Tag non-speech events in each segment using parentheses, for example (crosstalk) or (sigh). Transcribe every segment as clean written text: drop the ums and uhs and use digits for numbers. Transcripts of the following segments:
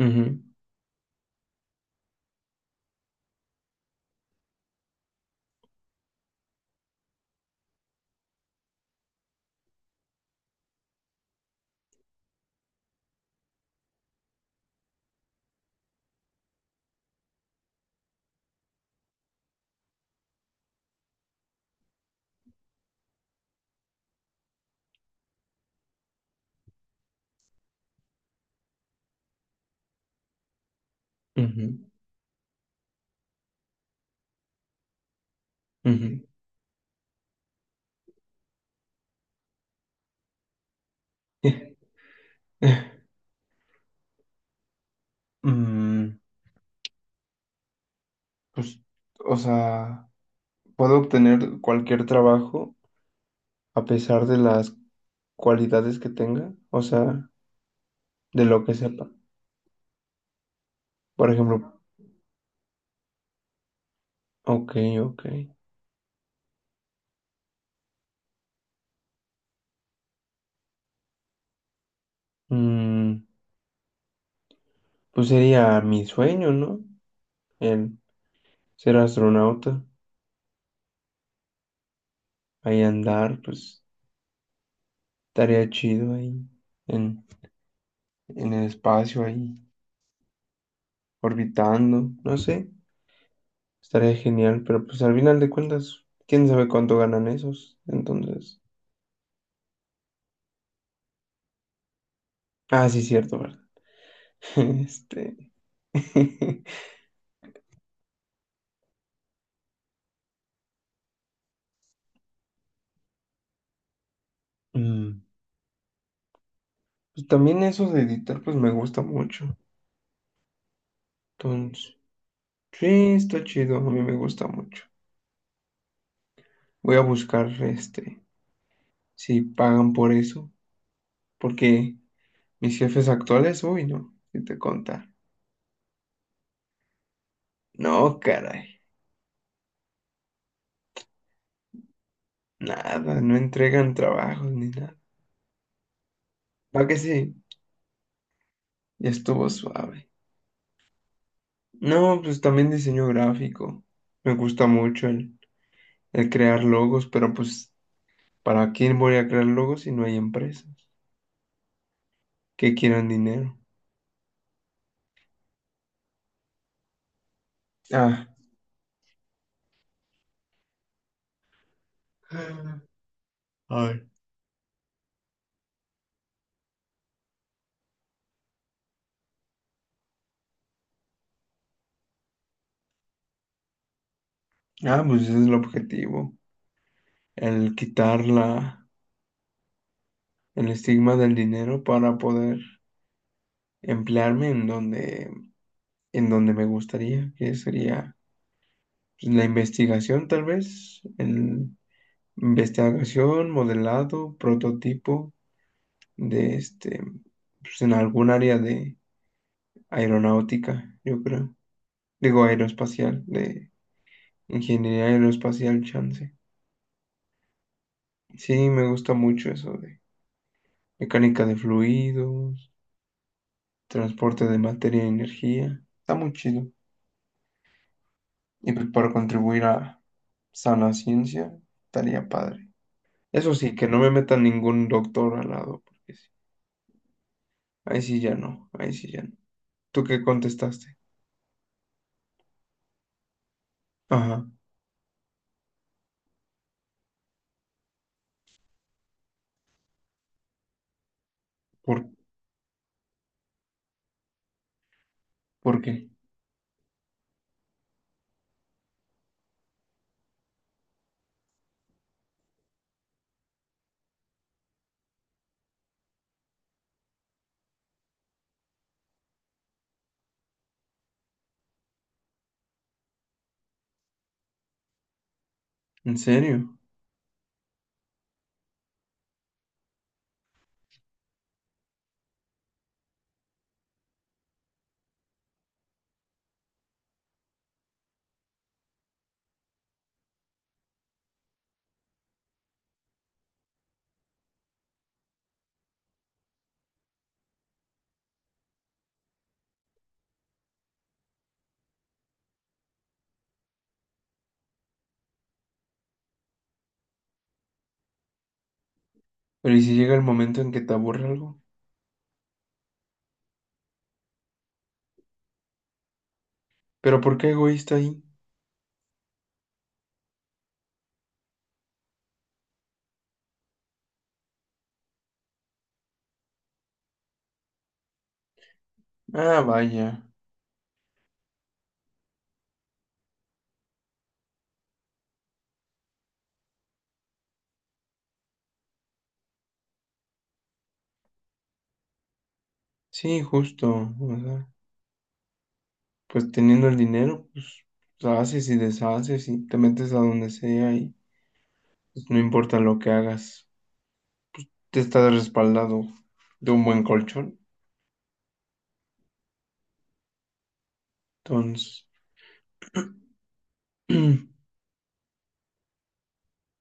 Ujú, ujú, ujú. (laughs) Mm, pues, o sea, Puedo obtener cualquier trabajo a pesar de las cualidades que tenga, o sea, de lo que sepa. Por ejemplo, ok, ok. Mm, pues sería mi sueño, ¿no? El ser astronauta, ahí andar, pues estaría chido ahí en, en el espacio, ahí orbitando, no sé. Estaría genial, pero pues al final de cuentas, quién sabe cuánto ganan esos. Entonces, ah, sí, cierto, ¿verdad? (laughs) Este, (laughs) mm, pues también eso de editar, pues me gusta mucho. Entonces, sí, está chido, a mí me gusta mucho. Voy a buscar, si pagan por eso, porque mis jefes actuales, uy, no, si te contar. No, caray, nada, no entregan trabajos ni nada. ¿Para que sí? Ya estuvo suave. No, pues también diseño gráfico. Me gusta mucho el crear logos, pero pues, ¿para quién voy a crear logos si no hay empresas que quieran dinero? Ah, ay. Ah, pues ese es el objetivo, el quitar la, el estigma del dinero para poder emplearme en donde me gustaría, que sería pues, la investigación tal vez, el investigación, modelado, prototipo de este, pues en algún área de aeronáutica, yo creo. Digo aeroespacial, de ingeniería aeroespacial, chance. Sí, me gusta mucho eso de mecánica de fluidos, transporte de materia y energía. Está muy chido. Y pues para contribuir a sana ciencia, estaría padre. Eso sí, que no me meta ningún doctor al lado, porque sí. Ahí sí ya no, ahí sí ya no. ¿Tú qué contestaste? Ajá, ¿por, por qué? ¿En serio? Pero ¿y si llega el momento en que te aburre algo? ¿Pero por qué egoísta ahí? Ah, vaya. Sí, justo. O sea, pues teniendo el dinero, pues haces y deshaces y te metes a donde sea y pues, no importa lo que hagas. Te estás respaldado de un buen colchón. Entonces, (clears throat)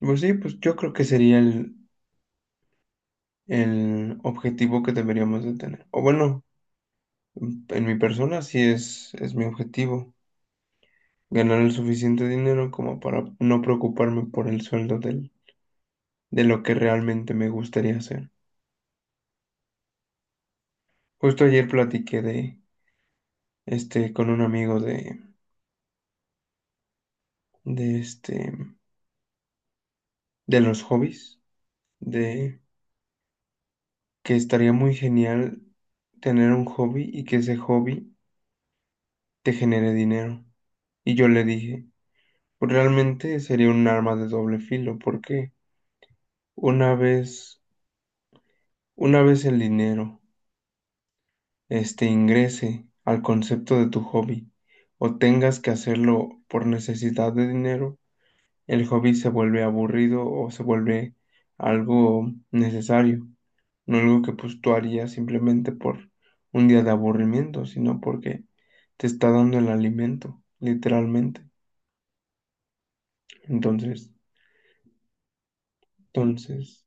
pues sí, pues yo creo que sería el objetivo que deberíamos de tener. O bueno, en mi persona sí es mi objetivo. Ganar el suficiente dinero como para no preocuparme por el sueldo del, de lo que realmente me gustaría hacer. Justo ayer platiqué de con un amigo de de los hobbies, de que estaría muy genial tener un hobby y que ese hobby te genere dinero. Y yo le dije, pues realmente sería un arma de doble filo, porque una vez, una vez el dinero ingrese al concepto de tu hobby o tengas que hacerlo por necesidad de dinero, el hobby se vuelve aburrido o se vuelve algo necesario, no algo que pues tú harías simplemente por un día de aburrimiento, sino porque te está dando el alimento, literalmente. Entonces, entonces,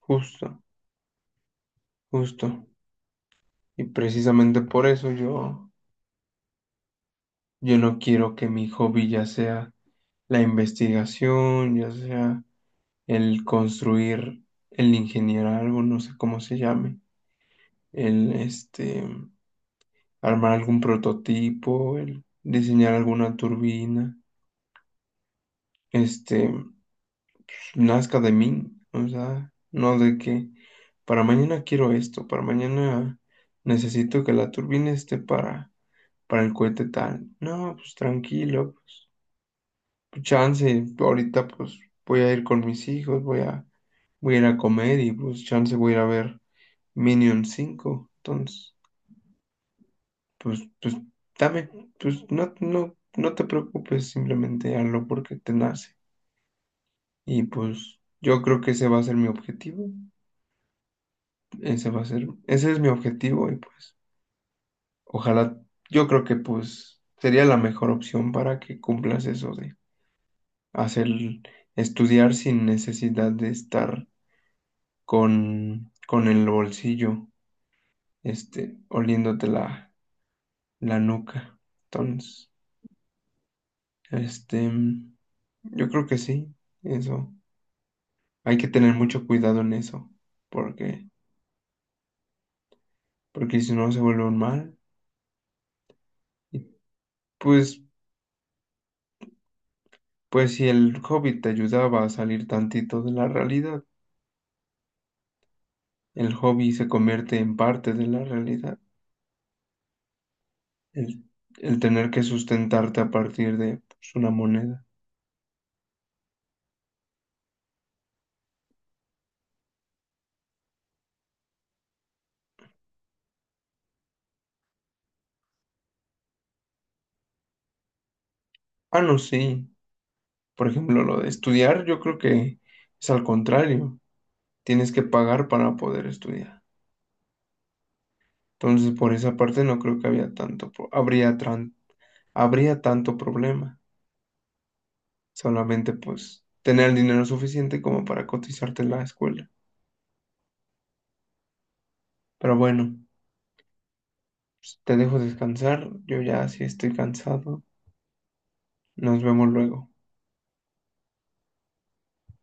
justo, justo. Y precisamente por eso yo no quiero que mi hobby ya sea la investigación, ya sea el construir, el ingeniar algo, no sé cómo se llame, el este, armar algún prototipo, el diseñar alguna turbina, este, nazca de mí, o sea, no de que para mañana quiero esto, para mañana necesito que la turbina esté para el cohete tal. No, pues tranquilo, chance, ahorita pues voy a ir con mis hijos, voy a ir a comer y pues chance voy a ir a ver Minion 5. Entonces, pues, dame, pues no te preocupes, simplemente hazlo porque te nace. Y pues yo creo que ese va a ser mi objetivo, ese va a ser, ese es mi objetivo y pues ojalá, yo creo que pues sería la mejor opción para que cumplas eso de hacer, estudiar sin necesidad de estar con el bolsillo, oliéndote la nuca. Entonces, este, yo creo que sí, eso. Hay que tener mucho cuidado en eso, porque, porque si no se vuelve un mal. Y pues, pues si el hobby te ayudaba a salir tantito de la realidad, el hobby se convierte en parte de la realidad. El, el tener que sustentarte a partir de pues, una moneda. Ah, no, sí. Por ejemplo, lo de estudiar, yo creo que es al contrario, tienes que pagar para poder estudiar. Entonces, por esa parte no creo que había tanto, pro- habría, tran- habría tanto problema. Solamente pues tener el dinero suficiente como para cotizarte en la escuela. Pero bueno, pues, te dejo descansar, yo ya sí estoy cansado. Nos vemos luego.